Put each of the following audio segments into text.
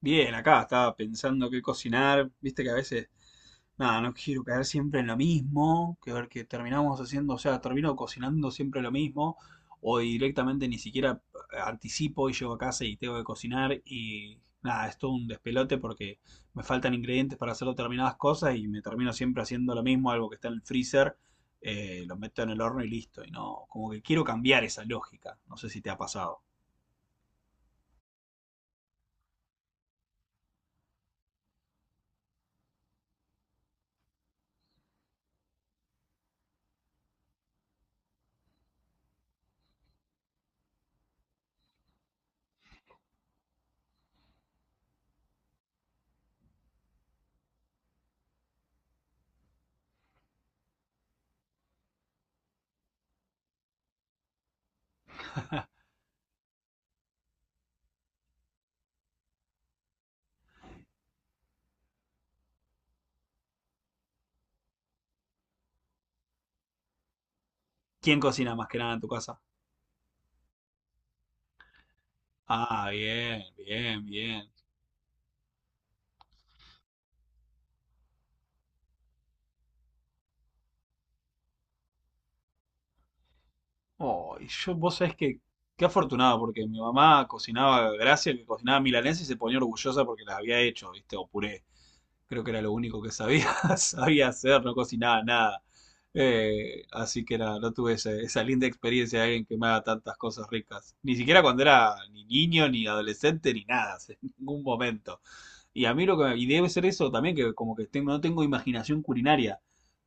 Bien, acá estaba pensando qué cocinar. Viste que a veces, nada, no quiero caer siempre en lo mismo, que ver que terminamos haciendo, o sea, termino cocinando siempre lo mismo, o directamente ni siquiera anticipo y llego a casa y tengo que cocinar y nada, es todo un despelote porque me faltan ingredientes para hacer determinadas cosas y me termino siempre haciendo lo mismo, algo que está en el freezer, lo meto en el horno y listo. Y no, como que quiero cambiar esa lógica. No sé si te ha pasado. ¿Quién cocina más que nada en tu casa? Ah, bien, bien, bien. Oh, y yo, vos sabés que qué afortunado, porque mi mamá cocinaba, gracias, que cocinaba milanesa y se ponía orgullosa porque las había hecho, ¿viste? O puré. Creo que era lo único que sabía, sabía hacer, no cocinaba nada. Así que nada, no tuve esa linda experiencia de alguien que me haga tantas cosas ricas. Ni siquiera cuando era ni niño, ni adolescente, ni nada, en ningún momento. Y a mí lo que, y debe ser eso también, que como que tengo, no tengo imaginación culinaria.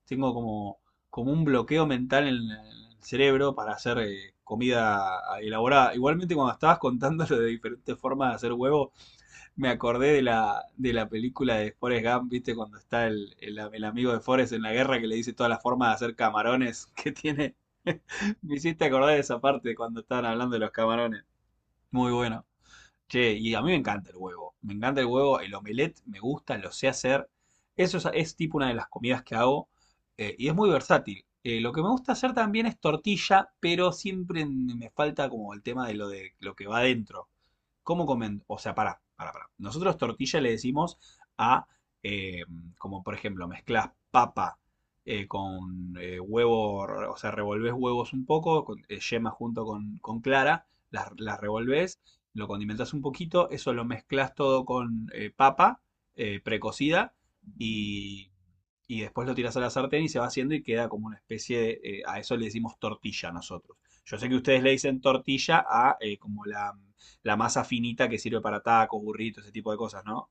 Tengo como un bloqueo mental en el cerebro para hacer comida elaborada. Igualmente cuando estabas contando lo de diferentes formas de hacer huevo, me acordé de la, película de Forrest Gump, ¿viste? Cuando está el amigo de Forrest en la guerra que le dice todas las formas de hacer camarones que tiene. Me hiciste acordar de esa parte cuando estaban hablando de los camarones. Muy bueno. Che, y a mí me encanta el huevo. Me encanta el huevo, el omelette me gusta, lo sé hacer. Eso es tipo una de las comidas que hago y es muy versátil. Lo que me gusta hacer también es tortilla, pero siempre me falta como el tema de lo que va adentro. ¿Cómo comen? O sea, pará, pará, pará. Nosotros tortilla le decimos a, eh, como por ejemplo, mezclas papa con huevo, o sea, revolvés huevos un poco, con, yema junto con clara, las revolvés, lo condimentas un poquito, eso lo mezclas todo con papa precocida y, y después lo tiras a la sartén y se va haciendo y queda como una especie de, a eso le decimos tortilla nosotros. Yo sé que ustedes le dicen tortilla a como la masa finita que sirve para tacos, burritos, ese tipo de cosas, ¿no?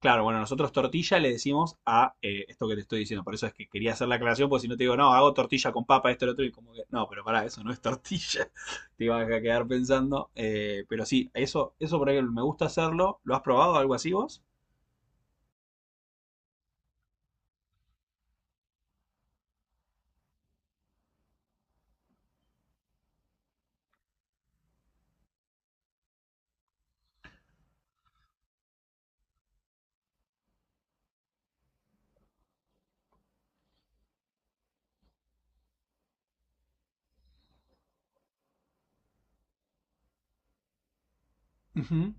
Claro, bueno, nosotros tortilla le decimos a esto que te estoy diciendo. Por eso es que quería hacer la aclaración, porque si no te digo, no, hago tortilla con papa, esto, lo otro, y como que, no, pero pará, eso no es tortilla. Te ibas a quedar pensando. Pero sí, eso por ahí me gusta hacerlo. ¿Lo has probado algo así vos? Ujú.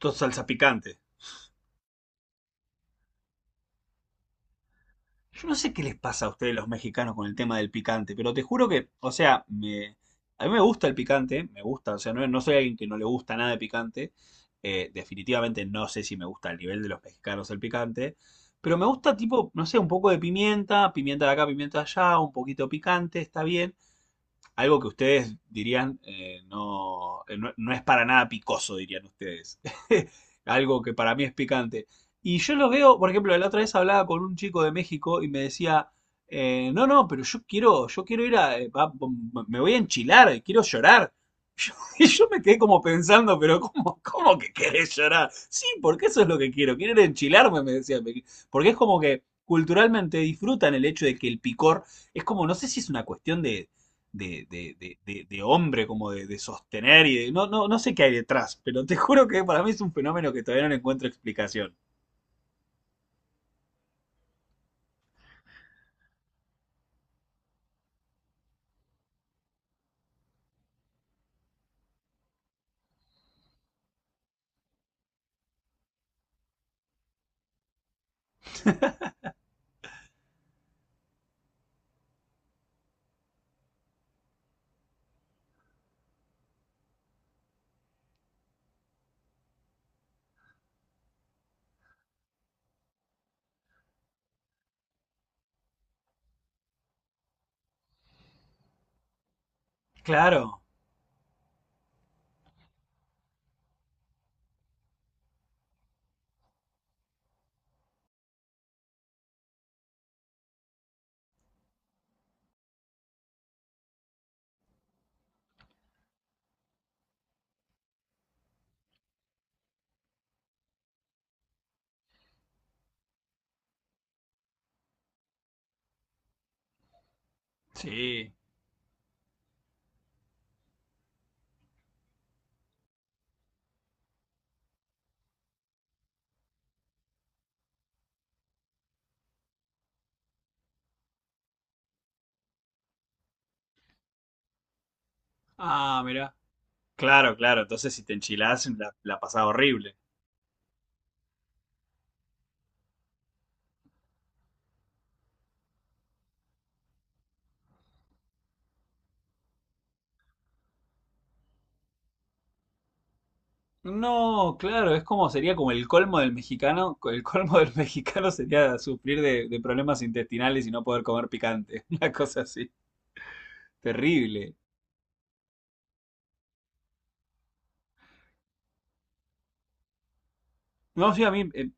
Todo salsa picante. Yo no sé qué les pasa a ustedes los mexicanos con el tema del picante, pero te juro que, o sea, a mí me gusta el picante, me gusta, o sea, no, no soy alguien que no le gusta nada de picante, definitivamente no sé si me gusta el nivel de los mexicanos el picante, pero me gusta tipo, no sé, un poco de pimienta, pimienta de acá, pimienta de allá, un poquito picante, está bien, algo que ustedes dirían no, no, no es para nada picoso, dirían ustedes. Algo que para mí es picante. Y yo lo veo, por ejemplo, la otra vez hablaba con un chico de México y me decía, no, no, pero yo quiero ir a, me voy a enchilar, quiero llorar. Yo- y yo me quedé como pensando, pero ¿cómo, que querés llorar? Sí, porque eso es lo que quiero, quiero ir a enchilarme, me decía. Porque es como que culturalmente disfrutan el hecho de que el picor, es como, no sé si es una cuestión de hombre, como de sostener y de... No, no, no sé qué hay detrás, pero te juro que para mí es un fenómeno que todavía no le encuentro explicación. Claro, sí. Ah, mirá. Claro, claro, entonces si te enchilás la, pasás horrible. No, claro, es como sería como el colmo del mexicano. El colmo del mexicano sería sufrir de problemas intestinales y no poder comer picante. Una cosa así. Terrible. No, sí, a mí eh,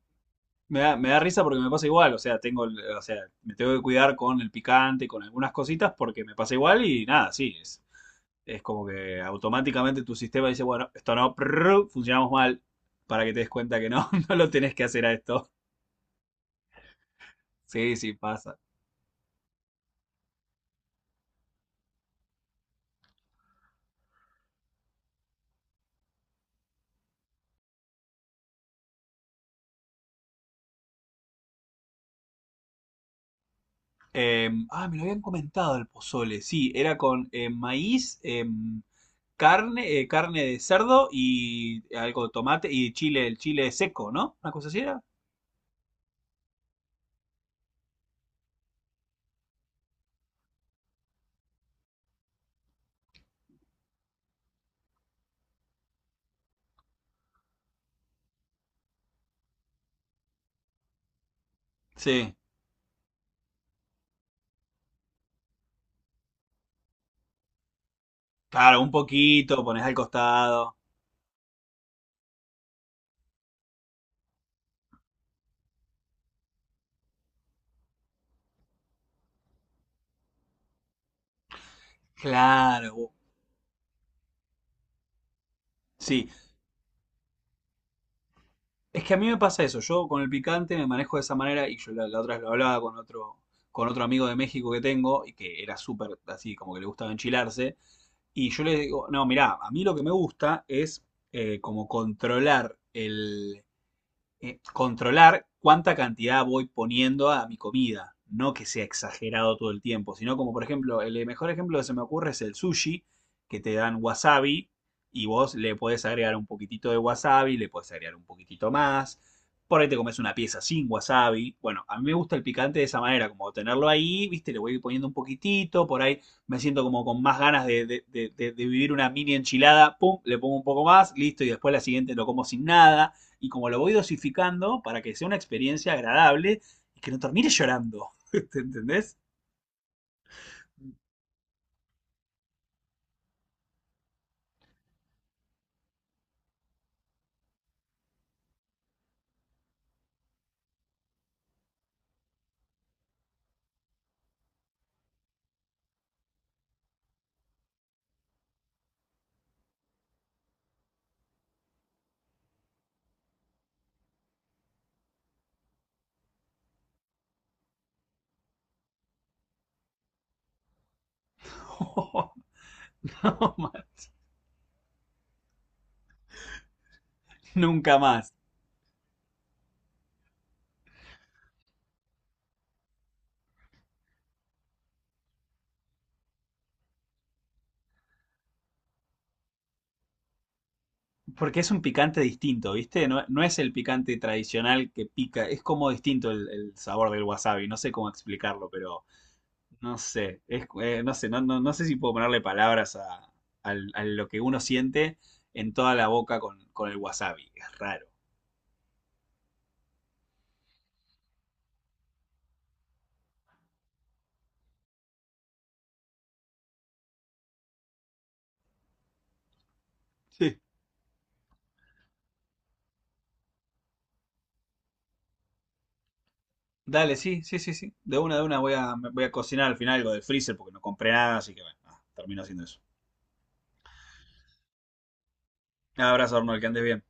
Me da, me da risa porque me pasa igual, o sea, tengo, o sea, me tengo que cuidar con el picante, con algunas cositas, porque me pasa igual y nada, sí, es como que automáticamente tu sistema dice, bueno, esto no, prrr, funcionamos mal, para que te des cuenta que no, no lo tenés que hacer a esto. Sí, sí, pasa. Ah, me lo habían comentado el pozole, sí, era con maíz, carne de cerdo y algo de tomate y chile, el chile seco, ¿no? Una cosa así era. Sí. Claro, un poquito, pones al costado. Claro, sí. Es que a mí me pasa eso. Yo con el picante me manejo de esa manera y yo la, otra vez lo hablaba con otro amigo de México que tengo y que era súper así, como que le gustaba enchilarse. Y yo le digo, no, mirá, a mí lo que me gusta es como controlar controlar cuánta cantidad voy poniendo a mi comida. No que sea exagerado todo el tiempo, sino como por ejemplo, el mejor ejemplo que se me ocurre es el sushi, que te dan wasabi y vos le podés agregar un poquitito de wasabi, le podés agregar un poquitito más. Por ahí te comes una pieza sin wasabi. Bueno, a mí me gusta el picante de esa manera, como tenerlo ahí, viste, le voy poniendo un poquitito, por ahí me siento como con más ganas de vivir una mini enchilada, pum, le pongo un poco más, listo, y después la siguiente lo como sin nada y como lo voy dosificando para que sea una experiencia agradable y que no termine llorando. ¿Te entendés? Oh, no, nunca más. Porque es un picante distinto, ¿viste? No, no es el picante tradicional que pica, es como distinto el, sabor del wasabi, no sé cómo explicarlo, pero no sé, no, no, no sé si puedo ponerle palabras a lo que uno siente en toda la boca con el wasabi, es raro. Dale, sí, sí, sí, sí. De una, me voy a cocinar al final algo del freezer porque no compré nada, así que bueno, nada, termino haciendo eso. Un abrazo, Arnold, que andes bien.